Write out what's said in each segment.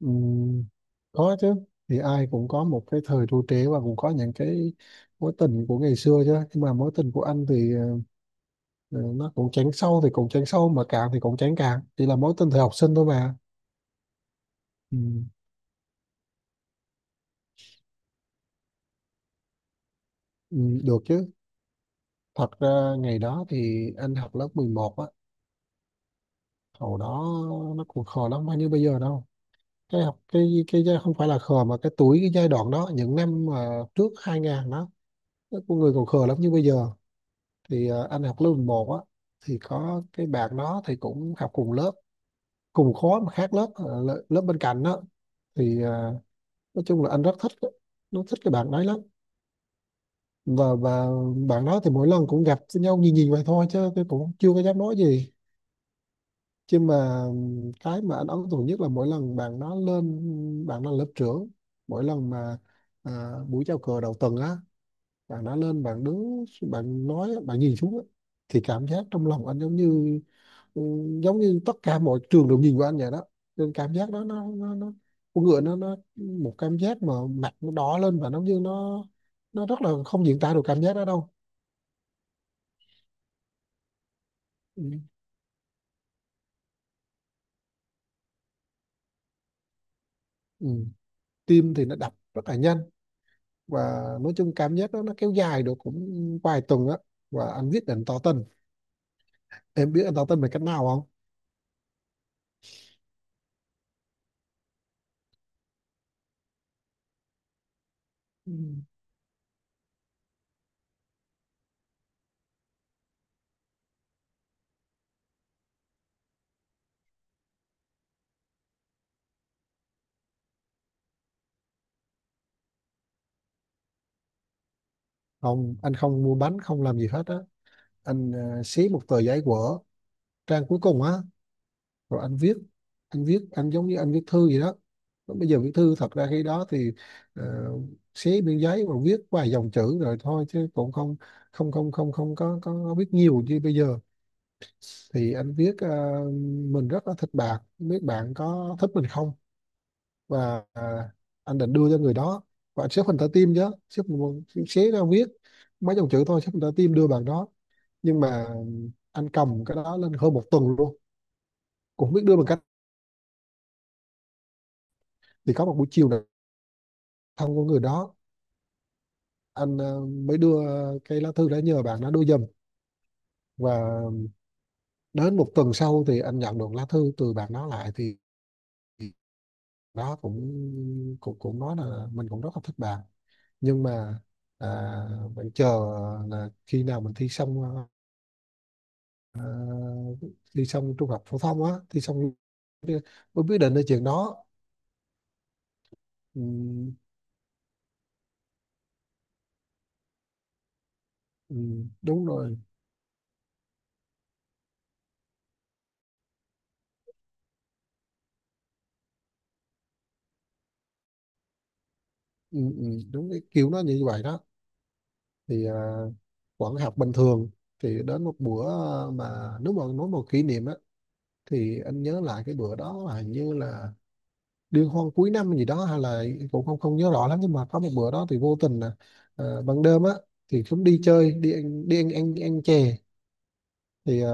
Ừm, có chứ. Thì ai cũng có một cái thời tru trế và cũng có những cái mối tình của ngày xưa chứ, nhưng mà mối tình của anh thì ờ, nó cũng chán sâu thì cũng chán sâu, mà cạn thì cũng chán cạn, chỉ là mối tình thời học sinh thôi mà. Ừ, ừ, được chứ. Thật ra ngày đó thì anh học lớp 11 á. Hồi đó nó cũng khờ lắm, không như bây giờ đâu. Cái học cái giai- Không phải là khờ mà cái tuổi, cái giai đoạn đó, những năm mà trước 2000 đó, con người còn khờ lắm như bây giờ. Thì anh học lớp 1 á. Thì có cái bạn đó thì cũng học cùng lớp, cùng khối mà khác lớp, lớp bên cạnh đó. Thì nói chung là anh rất thích, nó thích cái bạn đấy lắm. Và bạn đó thì mỗi lần cũng gặp nhau nhìn nhìn vậy thôi, chứ tôi cũng chưa có dám nói gì. Chứ mà cái mà anh ấn tượng nhất là mỗi lần bạn đó lên, bạn đó là lớp trưởng. Mỗi lần mà buổi chào cờ đầu tuần á, bạn đã lên, bạn đứng, bạn nói, bạn nhìn xuống á, thì cảm giác trong lòng anh giống như, ừ, giống như tất cả mọi trường đều nhìn vào anh vậy đó. Nên cảm giác đó nó, con người nó một cảm giác mà mặt nó đỏ lên, và nó như nó rất là không diễn tả được cảm giác đó đâu. Ừ. Ừ. Tim thì nó đập rất là nhanh. Và nói chung cảm giác đó nó kéo dài được cũng vài tuần á, và anh quyết định tỏ tình. Em biết anh tỏ tình bằng cách nào không? Ừ. Không, anh không mua bánh, không làm gì hết á. Anh xé một tờ giấy của trang cuối cùng á, rồi anh viết. Anh giống như anh viết thư vậy đó. Lúc bây giờ viết thư, thật ra khi đó thì ờ, xé miếng giấy và viết vài dòng chữ rồi thôi, chứ cũng không không không không không có có viết nhiều như bây giờ. Thì anh viết mình rất là thích bạn, không biết bạn có thích mình không. Và anh định đưa cho người đó. Và anh xếp hình trái tim chứ. xếp một- Xé ra viết mấy dòng chữ thôi, xếp hình trái tim đưa bạn đó. Nhưng mà anh cầm cái đó lên hơn một tuần luôn, cũng không biết đưa bằng cách. Thì có một buổi chiều nào, thân của người đó, anh mới đưa cái lá thư, đã nhờ bạn nó đưa giùm. Và đến một tuần sau thì anh nhận được lá thư từ bạn nó lại, thì nó cũng cũng cũng nói là mình cũng rất là thích bạn. Nhưng mà à, mình chờ là khi nào mình thi xong, à, thi xong trung học phổ thông á, thi xong mới quyết định cái chuyện đó. Ừ, ừ, đúng rồi. Ừ, ừ, đúng cái kiểu nó như vậy đó. Thì vẫn học bình thường. Thì đến một bữa, mà nếu mà nói một kỷ niệm á, thì anh nhớ lại cái bữa đó là hình như là liên hoan cuối năm gì đó hay là, cũng không không nhớ rõ lắm. Nhưng mà có một bữa đó thì vô tình là ban đêm á, thì cũng đi chơi, đi ăn, ăn chè. Thì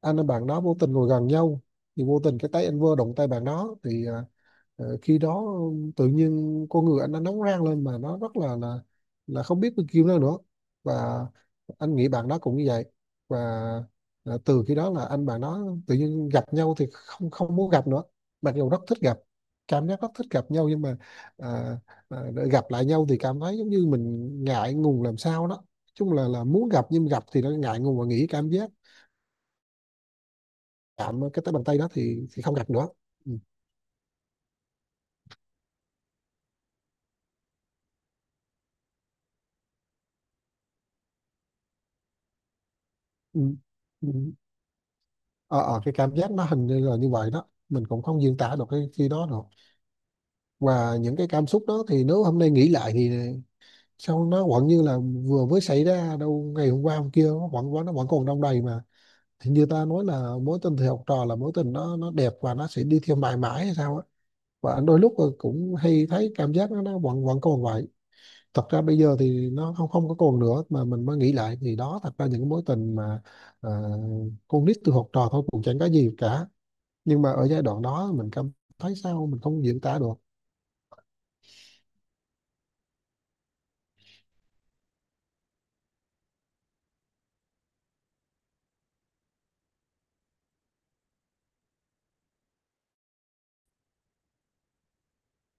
anh và bạn đó vô tình ngồi gần nhau. Thì vô tình cái tay anh vơ đụng tay bạn đó thì khi đó tự nhiên con người anh nó nóng rang lên, mà nó rất là không biết bao nhiêu nữa nữa. Và anh nghĩ bạn đó cũng như vậy. Và từ khi đó là anh bạn đó tự nhiên gặp nhau thì không không muốn gặp nữa, mặc dù rất thích gặp, cảm giác rất thích gặp nhau. Nhưng mà à, để gặp lại nhau thì cảm thấy giống như mình ngại ngùng làm sao đó. Nói chung là muốn gặp, nhưng gặp thì nó ngại ngùng, và nghĩ cảm giác chạm cái tay, bàn tay đó, thì không gặp nữa. Ừ. Ừ. Ừ. Ờ, cái cảm giác nó hình như là như vậy đó, mình cũng không diễn tả được cái khi đó được. Và những cái cảm xúc đó thì nếu hôm nay nghĩ lại thì sao nó vẫn như là vừa mới xảy ra đâu, ngày hôm qua hôm kia, nó vẫn vẫn nó vẫn còn đong đầy mà. Thì như ta nói là mối tình thì học trò là mối tình nó đẹp và nó sẽ đi theo mãi mãi hay sao á. Và đôi lúc là cũng hay thấy cảm giác nó vẫn vẫn còn vậy. Thật ra bây giờ thì nó không không có còn nữa, mà mình mới nghĩ lại thì đó, thật ra những cái mối tình mà ờ, con nít từ học trò thôi cũng chẳng có gì cả. Nhưng mà ở giai đoạn đó mình cảm thấy sao mình không diễn tả được.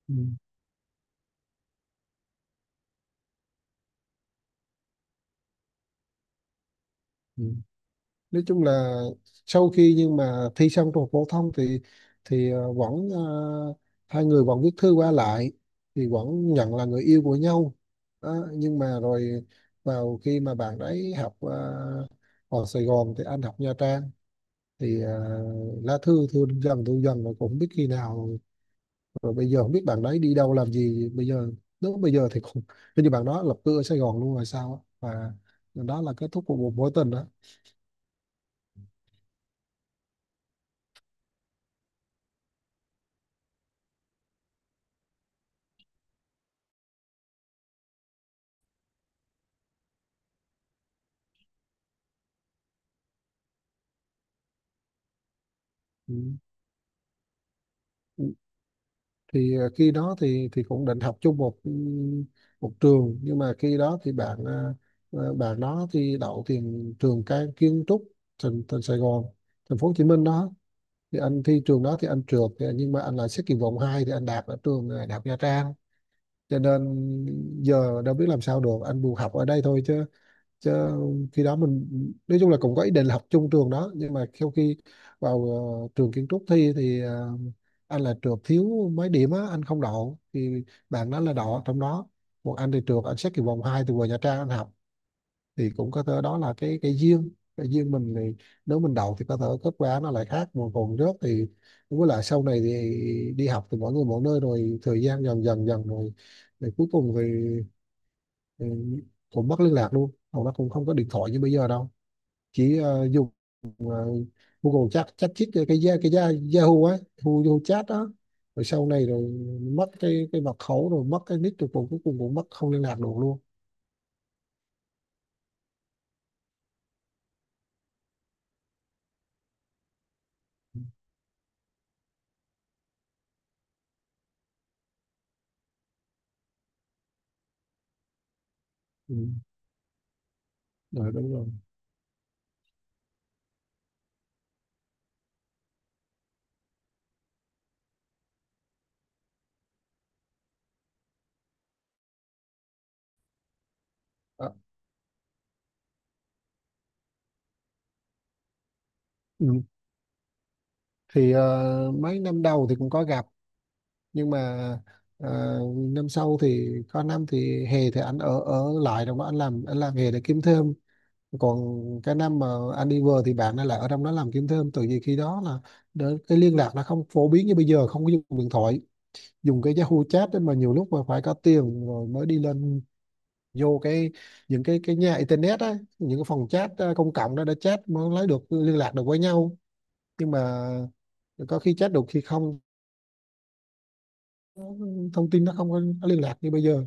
Ừ. Ừ. Nói chung là sau khi, nhưng mà thi xong trung học phổ thông, thì thì ờ, vẫn ờ, hai người vẫn viết thư qua lại, thì vẫn nhận là người yêu của nhau. Đó, nhưng mà rồi vào khi mà bạn ấy học ở Sài Gòn thì anh học Nha Trang. Thì lá thư thư dần mà cũng không biết khi nào. Rồi bây giờ không biết bạn đấy đi đâu làm gì bây giờ. Nếu bây giờ thì cũng hình như bạn đó lập cư ở Sài Gòn luôn rồi sao á. Và đó là kết thúc của một mối tình đó. Ừ. Ừ, thì khi đó thì cũng định học chung một, ừ, một trường. Nhưng mà khi đó thì bạn, bạn đó thì đậu tiền trường cái kiến trúc, thành thành Sài Gòn, thành phố Hồ Chí Minh đó. Thì anh thi trường đó thì anh trượt. Nhưng mà anh lại xét kỳ vọng 2 thì anh đạt ở trường, Đại học Nha Trang. Cho nên giờ đâu biết làm sao được, anh buộc học ở đây thôi chứ. Chứ khi đó mình, nói chung là cũng có ý định là học chung trường đó. Nhưng mà sau khi vào trường kiến trúc thi thì anh là trượt, thiếu mấy điểm á, anh không đậu. Thì bạn đó là đậu ở trong đó, một anh thì trượt, anh xét kỳ vòng 2 từ vừa Nha Trang anh học. Thì cũng có thể đó là cái duyên, cái duyên mình. Thì nếu mình đậu thì có thể kết quả nó lại khác, mà còn rớt thì đúng. Với lại sau này thì đi học thì mỗi người mỗi nơi rồi, thời gian dần dần dần rồi, rồi cuối cùng thì, ừ, cũng mất liên lạc luôn. Hầu nó cũng không có điện thoại như bây giờ đâu. Chỉ dùng ờ, Google chat chat chít cái Yahoo á, Yahoo, Yahoo chat đó. Rồi sau này rồi mất cái mật khẩu rồi mất cái nick rồi, cũng cuối cùng cũng mất, không liên lạc được luôn. Ừ, ừ, rồi đúng rồi. Ờ, ừ. Thì mấy năm đầu thì cũng có gặp. Nhưng mà năm sau thì có năm thì hè thì anh ở ở lại rồi, mà anh làm, anh làm nghề để kiếm thêm. Còn cái năm mà anh đi vừa thì bạn ấy lại ở trong đó làm kiếm thêm. Từ vì khi đó là đỡ- cái liên lạc nó không phổ biến như bây giờ, không có dùng điện thoại, dùng cái Yahoo chat đấy. Mà nhiều lúc mà phải có tiền rồi mới đi lên vô cái, những cái nhà internet á, những cái phòng chat công cộng đó để chat mới lấy được, liên lạc được với nhau. Nhưng mà có khi chat được khi không, thông tin nó không có liên lạc như bây giờ.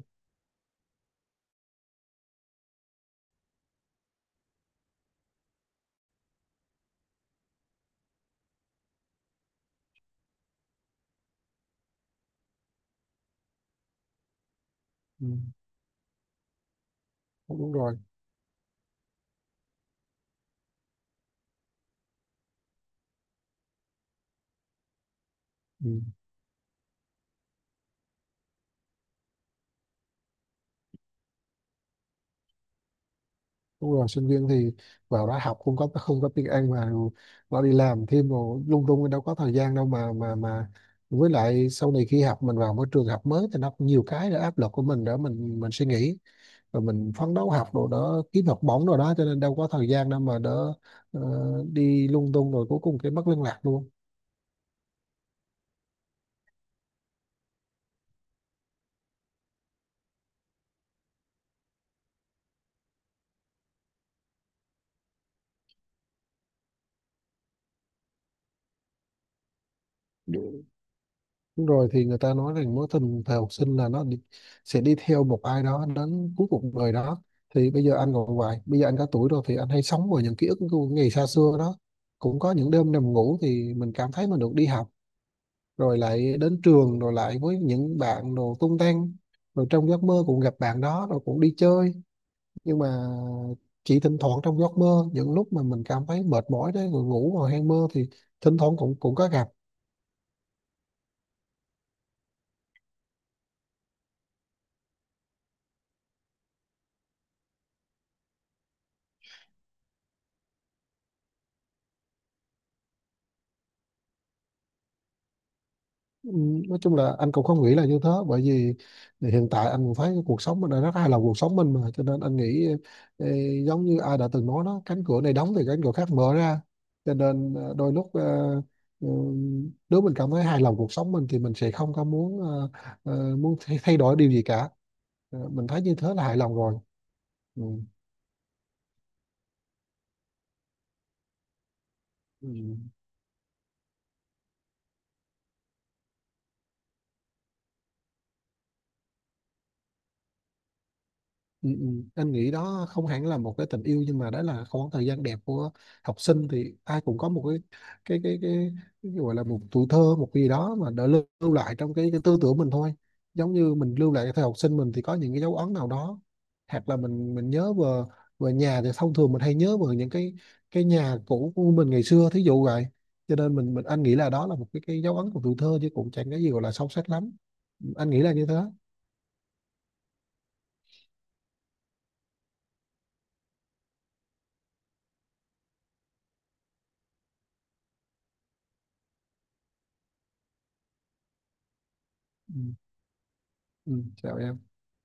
Ừ, đúng rồi. Ừ. Đúng rồi, sinh viên thì vào đó học, không có tiếng Anh mà. Nó đi làm thêm rồi lung tung, đâu có thời gian đâu mà mà. Với lại sau này khi học mình vào môi trường học mới thì nó cũng nhiều cái nữa, áp lực của mình đó, mình suy nghĩ, rồi mình phấn đấu học đồ đó, kiếm học bổng rồi đó. Cho nên đâu có thời gian đâu mà đỡ, ờ, đi lung tung. Rồi cuối cùng cái mất liên lạc luôn. Đúng rồi, thì người ta nói rằng mối tình thời học sinh là nó đi, sẽ đi theo một ai đó đến cuối cuộc đời đó. Thì bây giờ anh còn vậy, bây giờ anh có tuổi rồi, thì anh hay sống vào những ký ức của ngày xa xưa đó. Cũng có những đêm nằm ngủ thì mình cảm thấy mình được đi học, rồi lại đến trường, rồi lại với những bạn đồ tung tăng, rồi trong giấc mơ cũng gặp bạn đó rồi cũng đi chơi. Nhưng mà chỉ thỉnh thoảng trong giấc mơ, những lúc mà mình cảm thấy mệt mỏi đấy, rồi ngủ rồi hay mơ, thì thỉnh thoảng cũng cũng có gặp. Ừ, nói chung là anh cũng không nghĩ là như thế. Bởi vì hiện tại anh cũng thấy cái cuộc sống mình đã rất hài lòng cuộc sống mình, mà cho nên anh nghĩ, ê, giống như ai đã từng nói đó, cánh cửa này đóng thì cánh cửa khác mở ra. Cho nên đôi lúc ừ, nếu mình cảm thấy hài lòng cuộc sống mình thì mình sẽ không có muốn, muốn thay thay đổi điều gì cả. Ờ, mình thấy như thế là hài lòng rồi. Ừ. Ừ. Ừ, ừ. Anh nghĩ đó không hẳn là một cái tình yêu, nhưng mà đó là khoảng thời gian đẹp của học sinh. Thì ai cũng có một cái cái cái cái, cái gọi là một tuổi thơ, một cái gì đó mà đã lưu lại trong cái tư tưởng mình thôi. Giống như mình lưu lại cái thời học sinh mình, thì có những cái dấu ấn nào đó, hoặc là mình nhớ về, về nhà thì thông thường mình hay nhớ về những cái nhà cũ của mình ngày xưa thí dụ vậy. Cho nên mình anh nghĩ là đó là một cái dấu ấn của tuổi thơ, chứ cũng chẳng cái gì gọi là sâu sắc lắm. Anh nghĩ là như thế. Ừ. Ừ. Chào em.